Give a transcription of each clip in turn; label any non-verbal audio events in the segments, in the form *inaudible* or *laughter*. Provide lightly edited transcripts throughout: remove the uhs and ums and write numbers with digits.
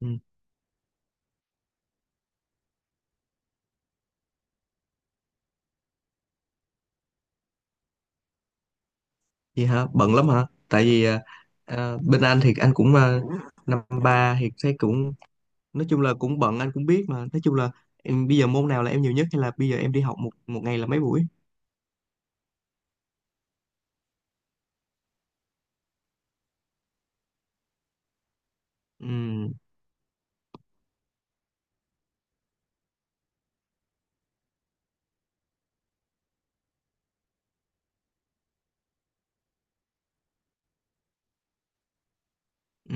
Ừ. Vậy hả? Bận lắm hả? Tại vì bên anh thì anh cũng năm ba thì thấy cũng nói chung là cũng bận, anh cũng biết, mà nói chung là em bây giờ môn nào là em nhiều nhất, hay là bây giờ em đi học một một ngày là mấy buổi? Ừ. Ừ.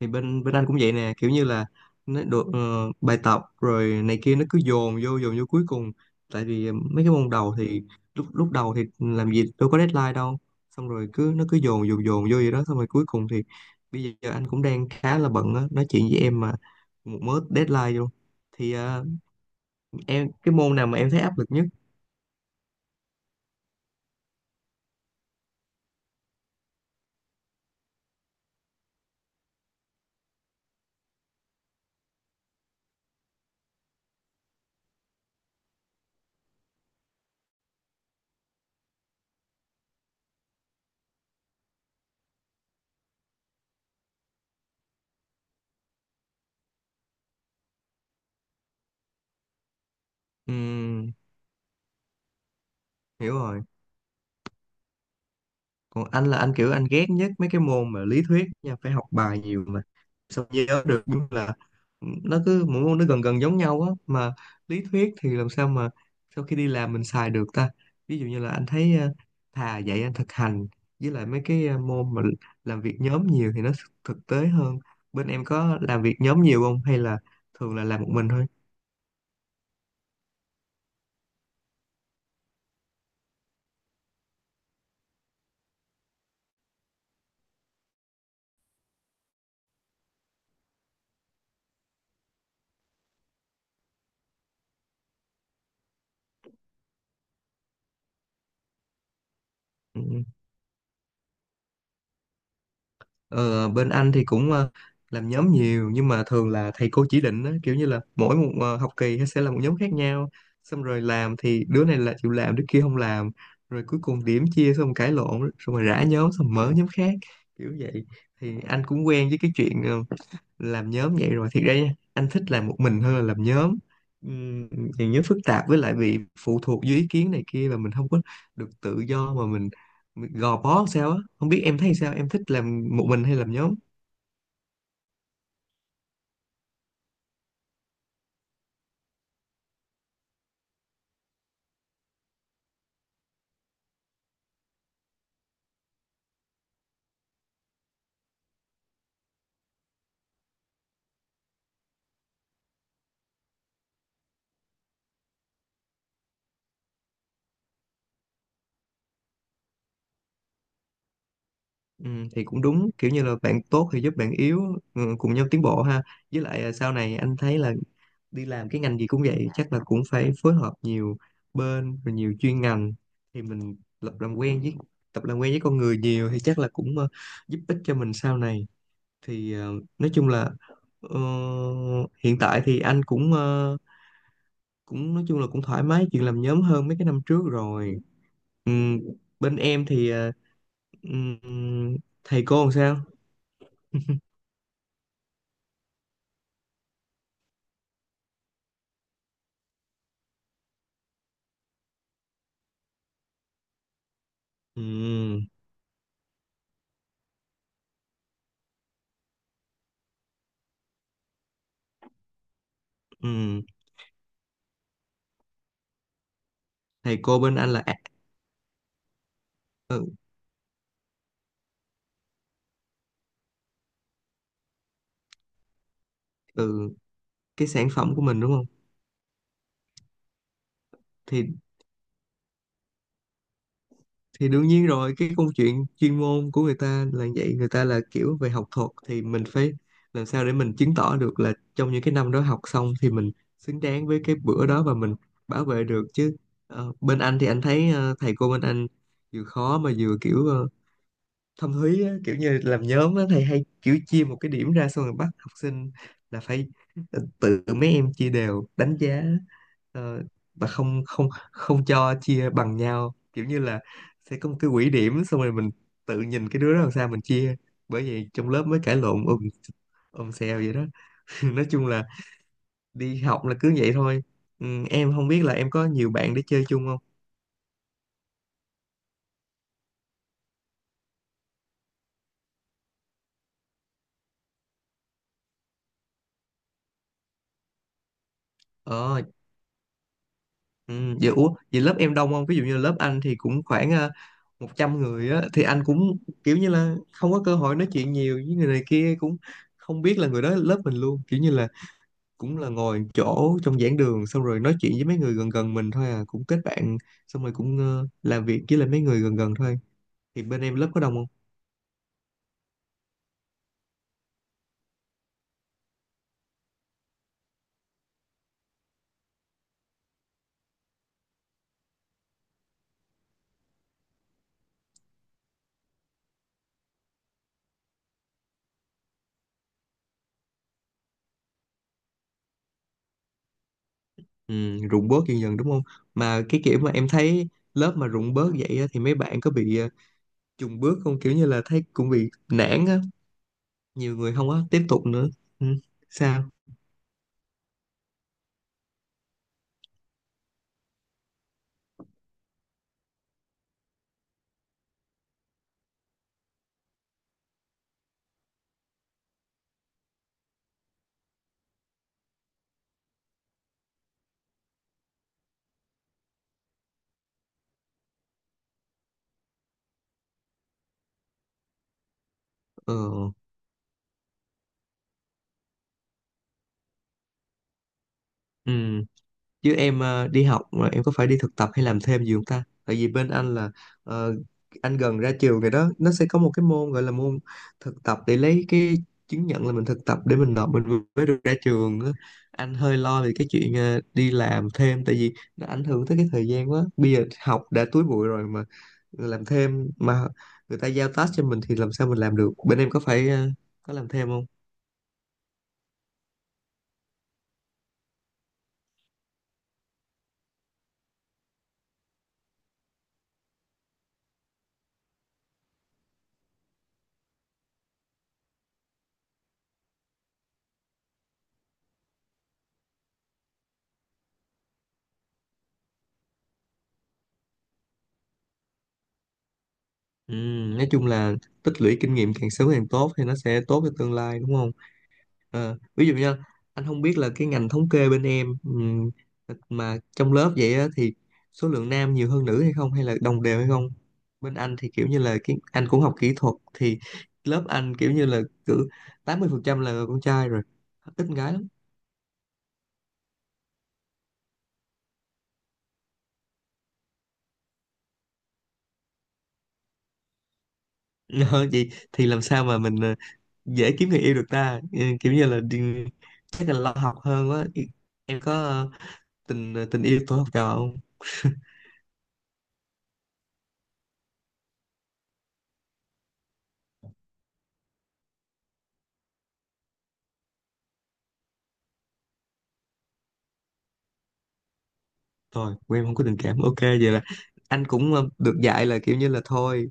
Thì bên bên anh cũng vậy nè, kiểu như là nó được bài tập rồi này kia, nó cứ dồn vô cuối cùng. Tại vì mấy cái môn đầu thì lúc lúc đầu thì làm gì đâu có deadline đâu, xong rồi cứ nó cứ dồn dồn dồn vô vậy đó, xong rồi cuối cùng thì bây giờ anh cũng đang khá là bận á, nói chuyện với em mà một mớ deadline luôn. Thì em cái môn nào mà em thấy áp lực nhất? Ừm, hiểu rồi. Còn anh là anh kiểu anh ghét nhất mấy cái môn mà lý thuyết nha, phải học bài nhiều mà sao nhớ được. Nhưng là ừ, nó cứ mỗi môn nó gần gần giống nhau á, mà lý thuyết thì làm sao mà sau khi đi làm mình xài được ta. Ví dụ như là anh thấy thà dạy anh thực hành, với lại mấy cái môn mà làm việc nhóm nhiều thì nó thực tế hơn. Bên em có làm việc nhóm nhiều không, hay là thường là làm một mình thôi? Ừ. Ờ, bên anh thì cũng làm nhóm nhiều, nhưng mà thường là thầy cô chỉ định á, kiểu như là mỗi một học kỳ sẽ là một nhóm khác nhau, xong rồi làm thì đứa này là chịu làm, đứa kia không làm, rồi cuối cùng điểm chia xong cãi lộn xong rồi rã nhóm xong mở nhóm khác, kiểu vậy. Thì anh cũng quen với cái chuyện làm nhóm vậy rồi. Thiệt ra nha, anh thích làm một mình hơn là làm nhóm. Ừm, Làm nhóm phức tạp, với lại bị phụ thuộc dưới ý kiến này kia, và mình không có được tự do mà mình gò bó làm sao á. Không biết em thấy sao, em thích làm một mình hay làm nhóm? Ừ, thì cũng đúng, kiểu như là bạn tốt thì giúp bạn yếu, ừ, cùng nhau tiến bộ ha. Với lại à, sau này anh thấy là đi làm cái ngành gì cũng vậy, chắc là cũng phải phối hợp nhiều bên, rồi nhiều chuyên ngành, thì mình lập làm quen với tập làm quen với con người nhiều thì chắc là cũng giúp ích cho mình sau này. Thì nói chung là ờ, hiện tại thì anh cũng cũng nói chung là cũng thoải mái chuyện làm nhóm hơn mấy cái năm trước rồi. Ừm, bên em thì ừm, thầy cô làm sao? Ừ, ừ. Thầy cô bên anh là ừ, ừ, cái sản phẩm của mình đúng không? Thì thì đương nhiên rồi, cái câu chuyện chuyên môn của người ta là vậy, người ta là kiểu về học thuật thì mình phải làm sao để mình chứng tỏ được là trong những cái năm đó học xong thì mình xứng đáng với cái bữa đó, và mình bảo vệ được chứ. Ờ, bên anh thì anh thấy thầy cô bên anh vừa khó mà vừa kiểu thâm thúy á, kiểu như làm nhóm á, thầy hay kiểu chia một cái điểm ra, xong rồi bắt học sinh là phải tự mấy em chia đều đánh giá, ờ, và không không không cho chia bằng nhau, kiểu như là sẽ có một cái quỹ điểm, xong rồi mình tự nhìn cái đứa đó làm sao mình chia. Bởi vậy trong lớp mới cãi lộn ùm ùm xèo vậy đó. *laughs* Nói chung là đi học là cứ vậy thôi. Ừ, em không biết là em có nhiều bạn để chơi chung không. Ờ. Ừ, vậy, ủa, vậy lớp em đông không? Ví dụ như lớp anh thì cũng khoảng 100 người á, thì anh cũng kiểu như là không có cơ hội nói chuyện nhiều với người này kia, cũng không biết là người đó lớp mình luôn. Kiểu như là cũng là ngồi chỗ trong giảng đường, xong rồi nói chuyện với mấy người gần gần mình thôi à, cũng kết bạn, xong rồi cũng làm việc với lại mấy người gần gần thôi. Thì bên em lớp có đông không? Ừ, rụng bớt dần dần đúng không? Mà cái kiểu mà em thấy lớp mà rụng bớt vậy á, thì mấy bạn có bị chùng bước không? Kiểu như là thấy cũng bị nản á, nhiều người không có tiếp tục nữa. Ừ. Sao. Ờ. Ừ. Chứ em ờ, đi học mà em có phải đi thực tập hay làm thêm gì không ta? Tại vì bên anh là ờ, anh gần ra trường rồi đó, nó sẽ có một cái môn gọi là môn thực tập để lấy cái chứng nhận là mình thực tập để mình nộp mình vừa mới được ra trường á. Anh hơi lo về cái chuyện đi làm thêm, tại vì nó ảnh hưởng tới cái thời gian quá, bây giờ học đã túi bụi rồi mà làm thêm mà người ta giao task cho mình thì làm sao mình làm được. Bên em có phải có làm thêm không? Ừ, nói chung là tích lũy kinh nghiệm càng sớm càng tốt thì nó sẽ tốt cho tương lai đúng không? Ờ, ví dụ nha, anh không biết là cái ngành thống kê bên em mà trong lớp vậy á, thì số lượng nam nhiều hơn nữ hay không, hay là đồng đều hay không? Bên anh thì kiểu như là cái anh cũng học kỹ thuật thì lớp anh kiểu như là cứ 80% là con trai rồi, ít con gái lắm. *laughs* Ờ, vậy thì làm sao mà mình dễ kiếm người yêu được ta? Ừ, kiểu như là đi- chắc là lo học hơn quá. Em có tình tình yêu tôi học trò không? Thôi của em không có tình cảm, ok vậy là anh cũng được dạy là kiểu như là thôi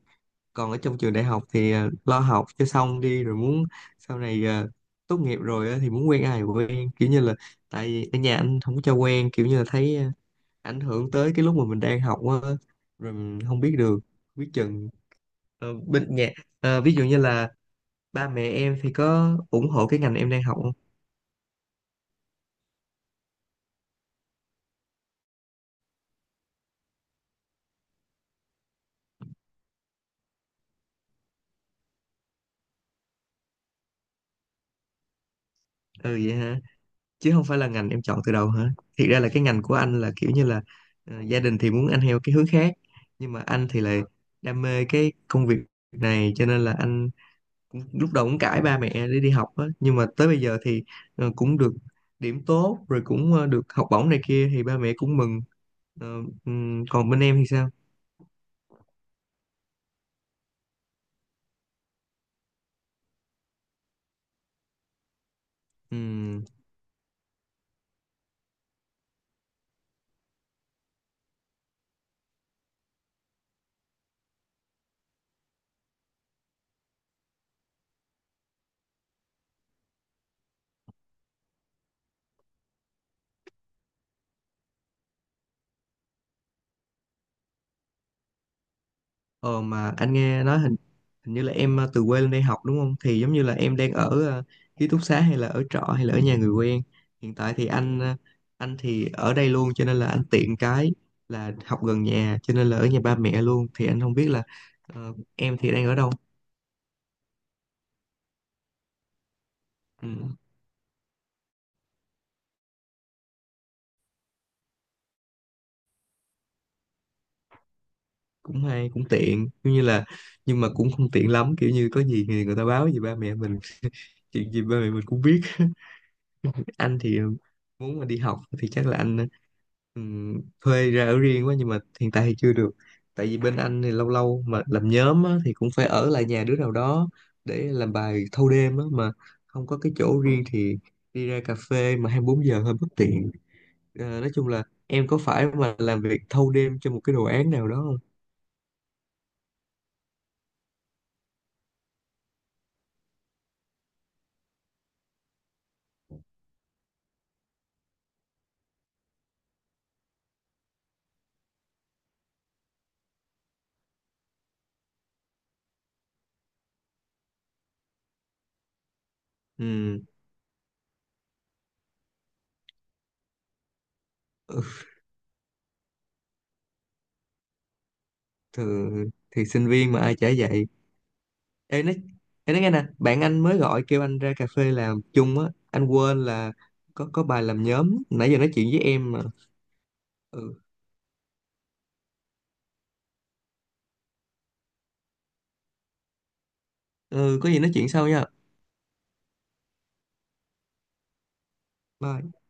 còn ở trong trường đại học thì lo học cho xong đi, rồi muốn sau này tốt nghiệp rồi á thì muốn quen ai thì quen, kiểu như là tại vì ở nhà anh không có cho quen, kiểu như là thấy ảnh hưởng tới cái lúc mà mình đang học á, rồi mình không biết được biết chừng. Ờ, bên nhà ví dụ như là ba mẹ em thì có ủng hộ cái ngành em đang học không? Ừ vậy hả? Chứ không phải là ngành em chọn từ đầu hả? Thiệt ra là cái ngành của anh là kiểu như là gia đình thì muốn anh theo cái hướng khác, nhưng mà anh thì lại đam mê cái công việc này, cho nên là anh cũng, lúc đầu cũng cãi ba mẹ để đi học á, nhưng mà tới bây giờ thì cũng được điểm tốt rồi, cũng được học bổng này kia thì ba mẹ cũng mừng. Ờ, còn bên em thì sao? Ờ mà anh nghe nói hình hình như là em từ quê lên đây học đúng không? Thì giống như là em đang ở ký túc xá, hay là ở trọ, hay là ở nhà người quen. Hiện tại thì anh anh thì ở đây luôn, cho nên là anh tiện cái là học gần nhà, cho nên là ở nhà ba mẹ luôn. Thì anh không biết là em thì đang ở đâu. Ừ, cũng hay cũng tiện giống như là nhưng mà cũng không tiện lắm, kiểu như có gì thì người ta báo gì ba mẹ mình, chuyện gì ba mẹ mình cũng biết. Anh thì muốn mà đi học thì chắc là anh ừm, thuê ra ở riêng quá, nhưng mà hiện tại thì chưa được, tại vì bên anh thì lâu lâu mà làm nhóm á, thì cũng phải ở lại nhà đứa nào đó để làm bài thâu đêm á, mà không có cái chỗ riêng thì đi ra cà phê mà 24 giờ hơi bất tiện. Ờ, nói chung là em có phải mà làm việc thâu đêm cho một cái đồ án nào đó không? Ừ, ừ. Thì, thì sinh viên mà ai chả vậy. Ê, nói ê, nói nghe nè, bạn anh mới gọi kêu anh ra cà phê làm chung á, anh quên là có bài làm nhóm, nãy giờ nói chuyện với em mà. Ừ, ừ có gì nói chuyện sau nha. Bye.